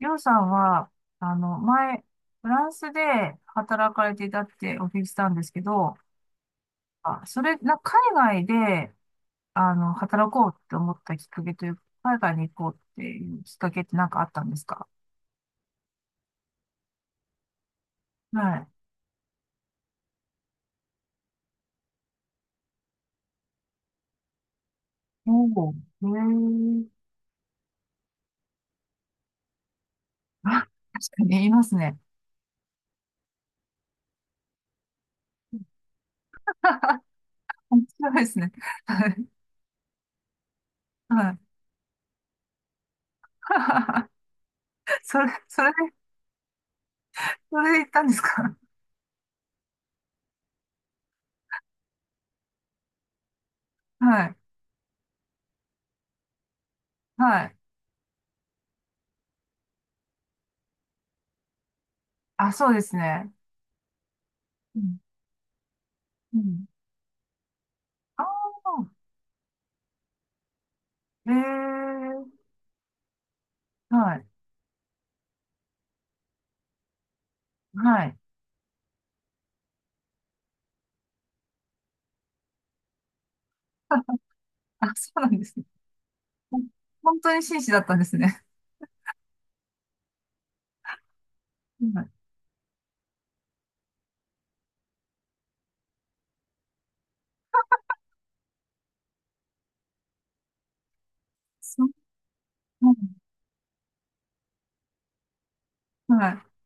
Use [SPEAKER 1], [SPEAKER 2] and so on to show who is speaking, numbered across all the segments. [SPEAKER 1] りょうさんは、前、フランスで働かれていたってお聞きしたんですけど、あ、それ、な、海外で、働こうって思ったきっかけというか、海外に行こうっていうきっかけって何かあったんですか？はい。おお、へえ。あ、確かに言いますね。面白いですね。はい。はい。それで、それで行ったんですか？はい。はい。あ、そうですね。うん。うん。ああ、ええ。はい。はい。あ、あ、そうなんですね。ほん本当に紳士だったんですね。はい。そう、うん、はい。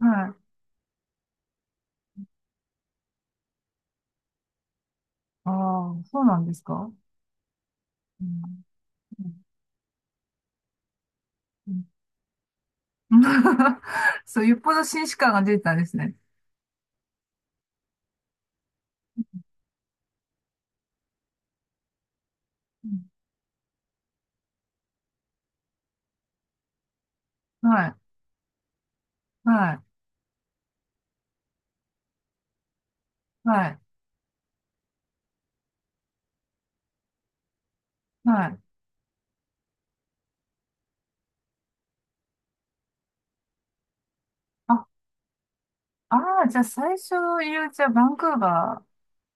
[SPEAKER 1] はい。ああ、そうなんですか？うん。うん。うん。 そう、よっぽど紳士感が出てたんですね。うん。はい。はい。はい。はい。あ、ああ、じゃあ最初の入り口はバンクーバ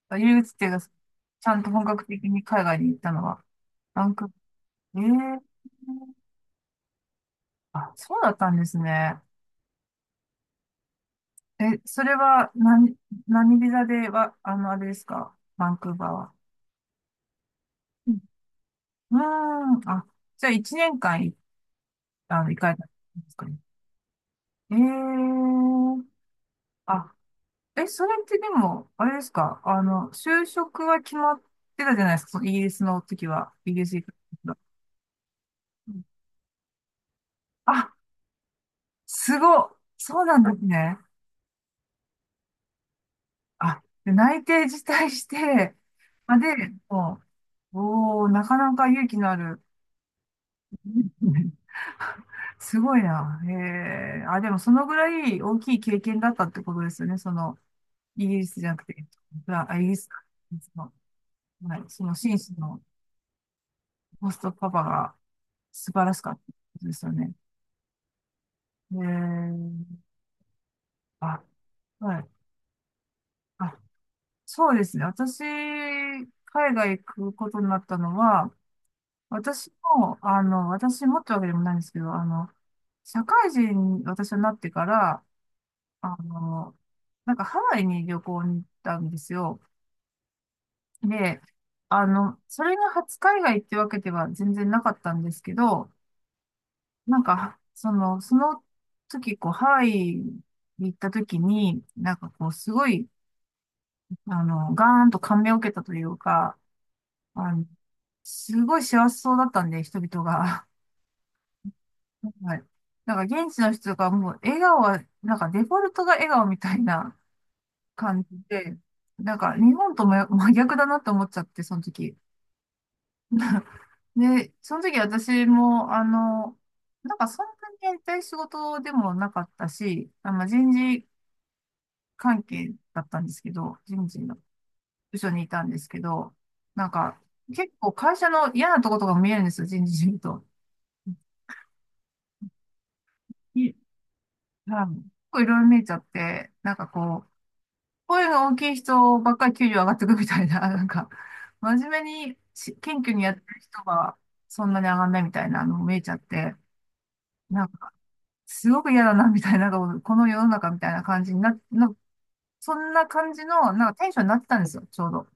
[SPEAKER 1] ー、入り口っていうか、ちゃんと本格的に海外に行ったのは、バンクーバー。ええ、あ、そうだったんですね。え、それは何、何ビザでは、あれですかバンクーバーは？うん。うーん、あ、じゃあ1年間行かれたんですかね？えー、あ、え、それってでも、あれですか就職は決まってたじゃないですか、そのイギリスの時は、イギリス行く時は。うん。あ、すごい、そうなんですね。あ、で内定辞退して、まあで、もう、おー、なかなか勇気のある。すごいな。へえ。あ、でもそのぐらい大きい経験だったってことですよね。その、イギリスじゃなくて、フラあ、イギリスか。その、はい、その紳士のホストパパが素晴らしかったってことですよね。へえ。あ、はい。あ、そうですね。私、海外行くことになったのは、私私もってわけでもないんですけど、社会人に私はなってから、あの、ハワイに旅行に行ったんですよ。で、それが初海外ってわけでは全然なかったんですけど、その時、こう、ハワイに行った時に、すごい、ガーンと感銘を受けたというか、あの、すごい幸せそうだったんで、人々が。はい。現地の人がもう、笑顔は、なんか、デフォルトが笑顔みたいな感じで、日本とも真逆だなと思っちゃって、その時。で、その時私も、そんなにやりたい仕事でもなかったし、人事関係だったんですけど、人事の部署にいたんですけど、なんか結構会社の嫌なとことかも見えるんですよ、人事見ると。いはい、結構いろいろ見えちゃって、声の大きい人ばっかり給料上がってくみたいな、真面目に謙虚にやってる人がそんなに上がんないみたいなのも見えちゃって、なんか、すごく嫌だな、みたいな、この世の中みたいな感じにそんな感じの、テンションになってたんですよ、ちょうど。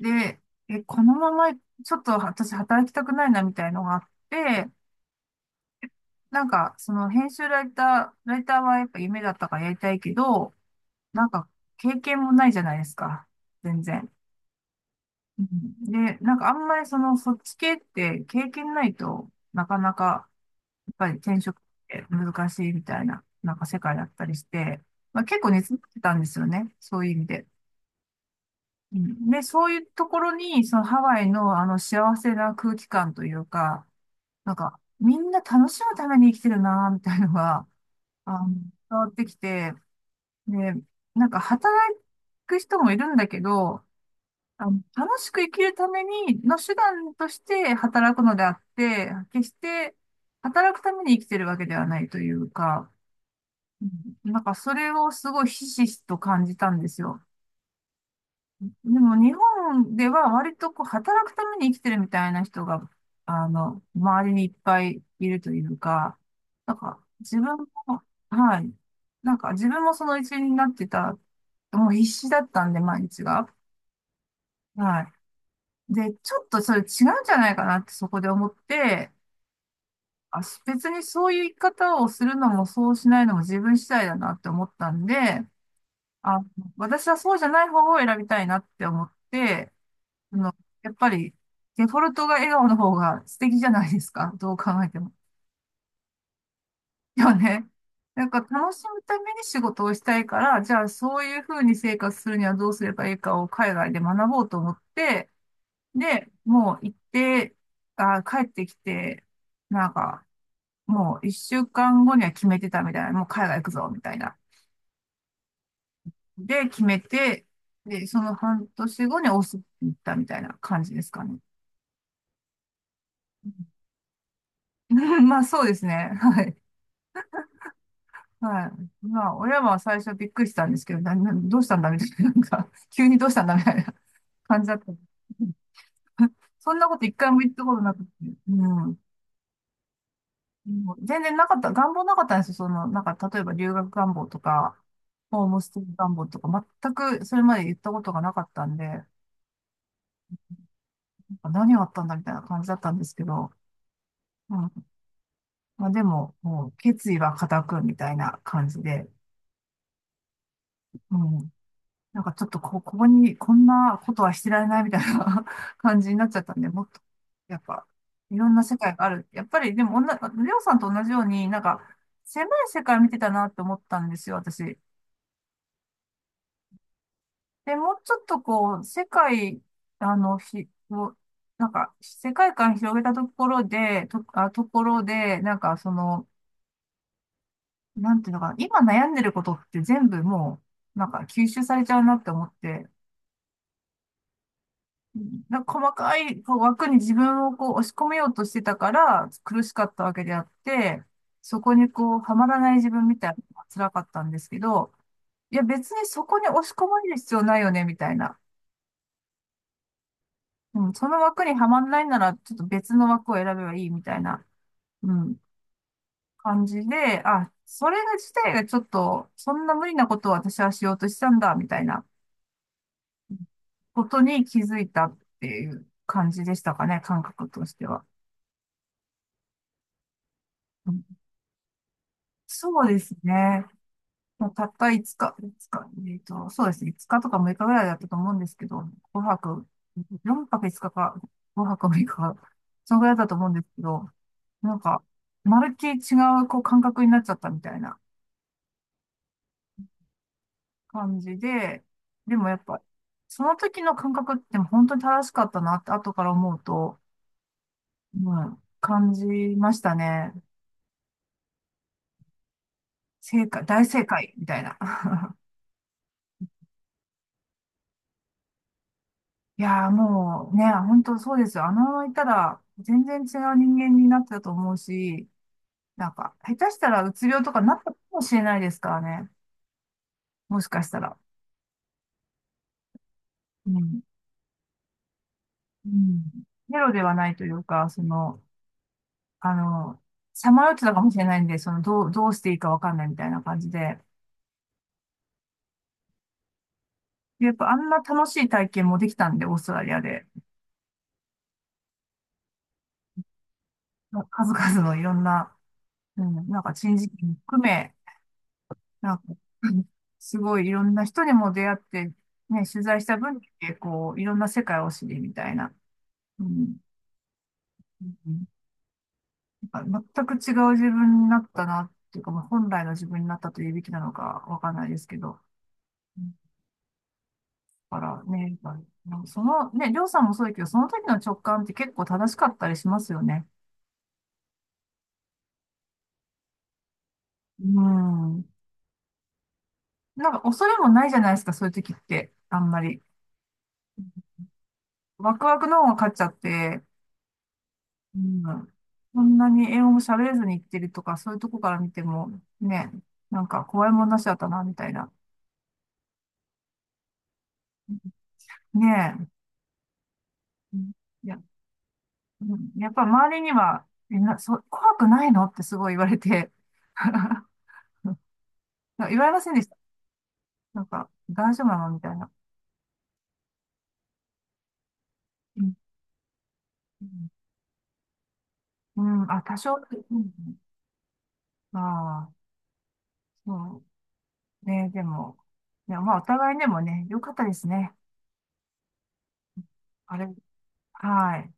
[SPEAKER 1] で、え、このまま、ち、ょっと私働きたくないな、みたいのがあって、その編集ライター、ライターはやっぱ夢だったからやりたいけど、なんか、経験もないじゃないですか、全然。うん。で、あんまりその、そっち系って経験ないとなかなか転職って難しいみたいな、世界だったりして、まあ、結構熱持ってたんですよね。そういう意味で。うん、で、そういうところに、そのハワイのあの幸せな空気感というか、みんな楽しむために生きてるな、みたいなのが、あの、伝わってきて、で、働く人もいるんだけど、楽しく生きるためにの手段として働くのであって、決して働くために生きてるわけではないというか、うん、それをすごいひしひしと感じたんですよ。でも日本では割とこう働くために生きてるみたいな人が、周りにいっぱいいるというか、自分も、はい。自分もその一員になってた、もう必死だったんで、毎日が。はい。で、ちょっとそれ違うんじゃないかなってそこで思って、あ、別にそういう生き方をするのもそうしないのも自分次第だなって思ったんで、あ、私はそうじゃない方を選びたいなって思って、あの、やっぱりデフォルトが笑顔の方が素敵じゃないですか。どう考えても。よね。楽しむために仕事をしたいから、じゃあそういうふうに生活するにはどうすればいいかを海外で学ぼうと思って、で、もう行って、あ、帰ってきて、なんか、もう一週間後には決めてたみたいな、もう海外行くぞ、みたいな。で決めて、で、その半年後にオースって行ったみたいな感じですかね。うん。 まあそうですね。はい。はい。まあ親は最初びっくりしたんですけど、どうしたんだみたいな、急にどうしたんだみたいな感じだった。そんなこと一回も言ったことなくて、うん。もう全然なかった、願望なかったんですよ。その、例えば留学願望とか、ホームステイ願望とか、全くそれまで言ったことがなかったんで、何があったんだみたいな感じだったんですけど、まあ、でも、もう決意は固くみたいな感じで、うん。なんかちょっとこ、ここに、こんなことはしてられないみたいな 感じになっちゃったんで、もっと、やっぱ、いろんな世界がある。やっぱり、でも、おんなレオさんと同じように、狭い世界見てたなって思ったんですよ、私。で、もうちょっとこう、世界、あの、ひ、を世界観広げたところで、なんていうのかな、今悩んでることって全部もう、吸収されちゃうなって思って、細かいこう枠に自分をこう押し込めようとしてたから苦しかったわけであって、そこにこうはまらない自分みたいなのが辛かったんですけど、いや別にそこに押し込まれる必要ないよね、みたいな。うん、その枠にはまらないならちょっと別の枠を選べばいいみたいな、うん、感じで、あ、それが自体がちょっと、そんな無理なことを私はしようとしたんだ、みたいな。ことに気づいたっていう感じでしたかね、感覚としては。うん、そうですね。もうたった5日、5日、そうですね。日とか6日ぐらいだったと思うんですけど、5泊、4泊5日かか、5泊6日かか、そのぐらいだったと思うんですけど、なんか、まるっきり違うこう感覚になっちゃったみたいな感じで、でもやっぱ、その時の感覚って本当に正しかったなって後から思うと、うん、感じましたね。正解、大正解みたいな。いやーもうね、本当そうですよ。あのままいたら全然違う人間になってたと思うし、下手したらうつ病とかなったかもしれないですからね。もしかしたら。うん。うん。ゼロではないというか、その、あの、さまよってたかもしれないんで、その、どうしていいかわかんないみたいな感じで。でやっぱあんな楽しい体験もできたんで、オーストラリアで。数々のいろんな、うん、珍事件含め、なんか、すごいいろんな人にも出会って、ね、取材した分だけ、こう、いろんな世界を知りみたいな。うん。うん。全く違う自分になったな、っていうか、まあ、本来の自分になったというべきなのかわかんないですけど。うん、だからね、まあその、ね、りょうさんもそうだけど、その時の直感って結構正しかったりしますよね。うん。恐れもないじゃないですか、そういう時って。あんまり。ワクワクの方が勝っちゃって、うん、こんなに英語も喋れずに行ってるとか、そういうとこから見ても、ね、怖いもんなしだったな、みたいな。ねえ。うん、いや、うん、やっぱ周りには、みんな、そ、怖くないのってすごい言われて、言われませんでした？大丈夫なのみたいな。うん、うんうん、あ、多少、うん、ああ、そうね、でも、いや、まあ、お互いでもね、良かったですね。あれ、はい。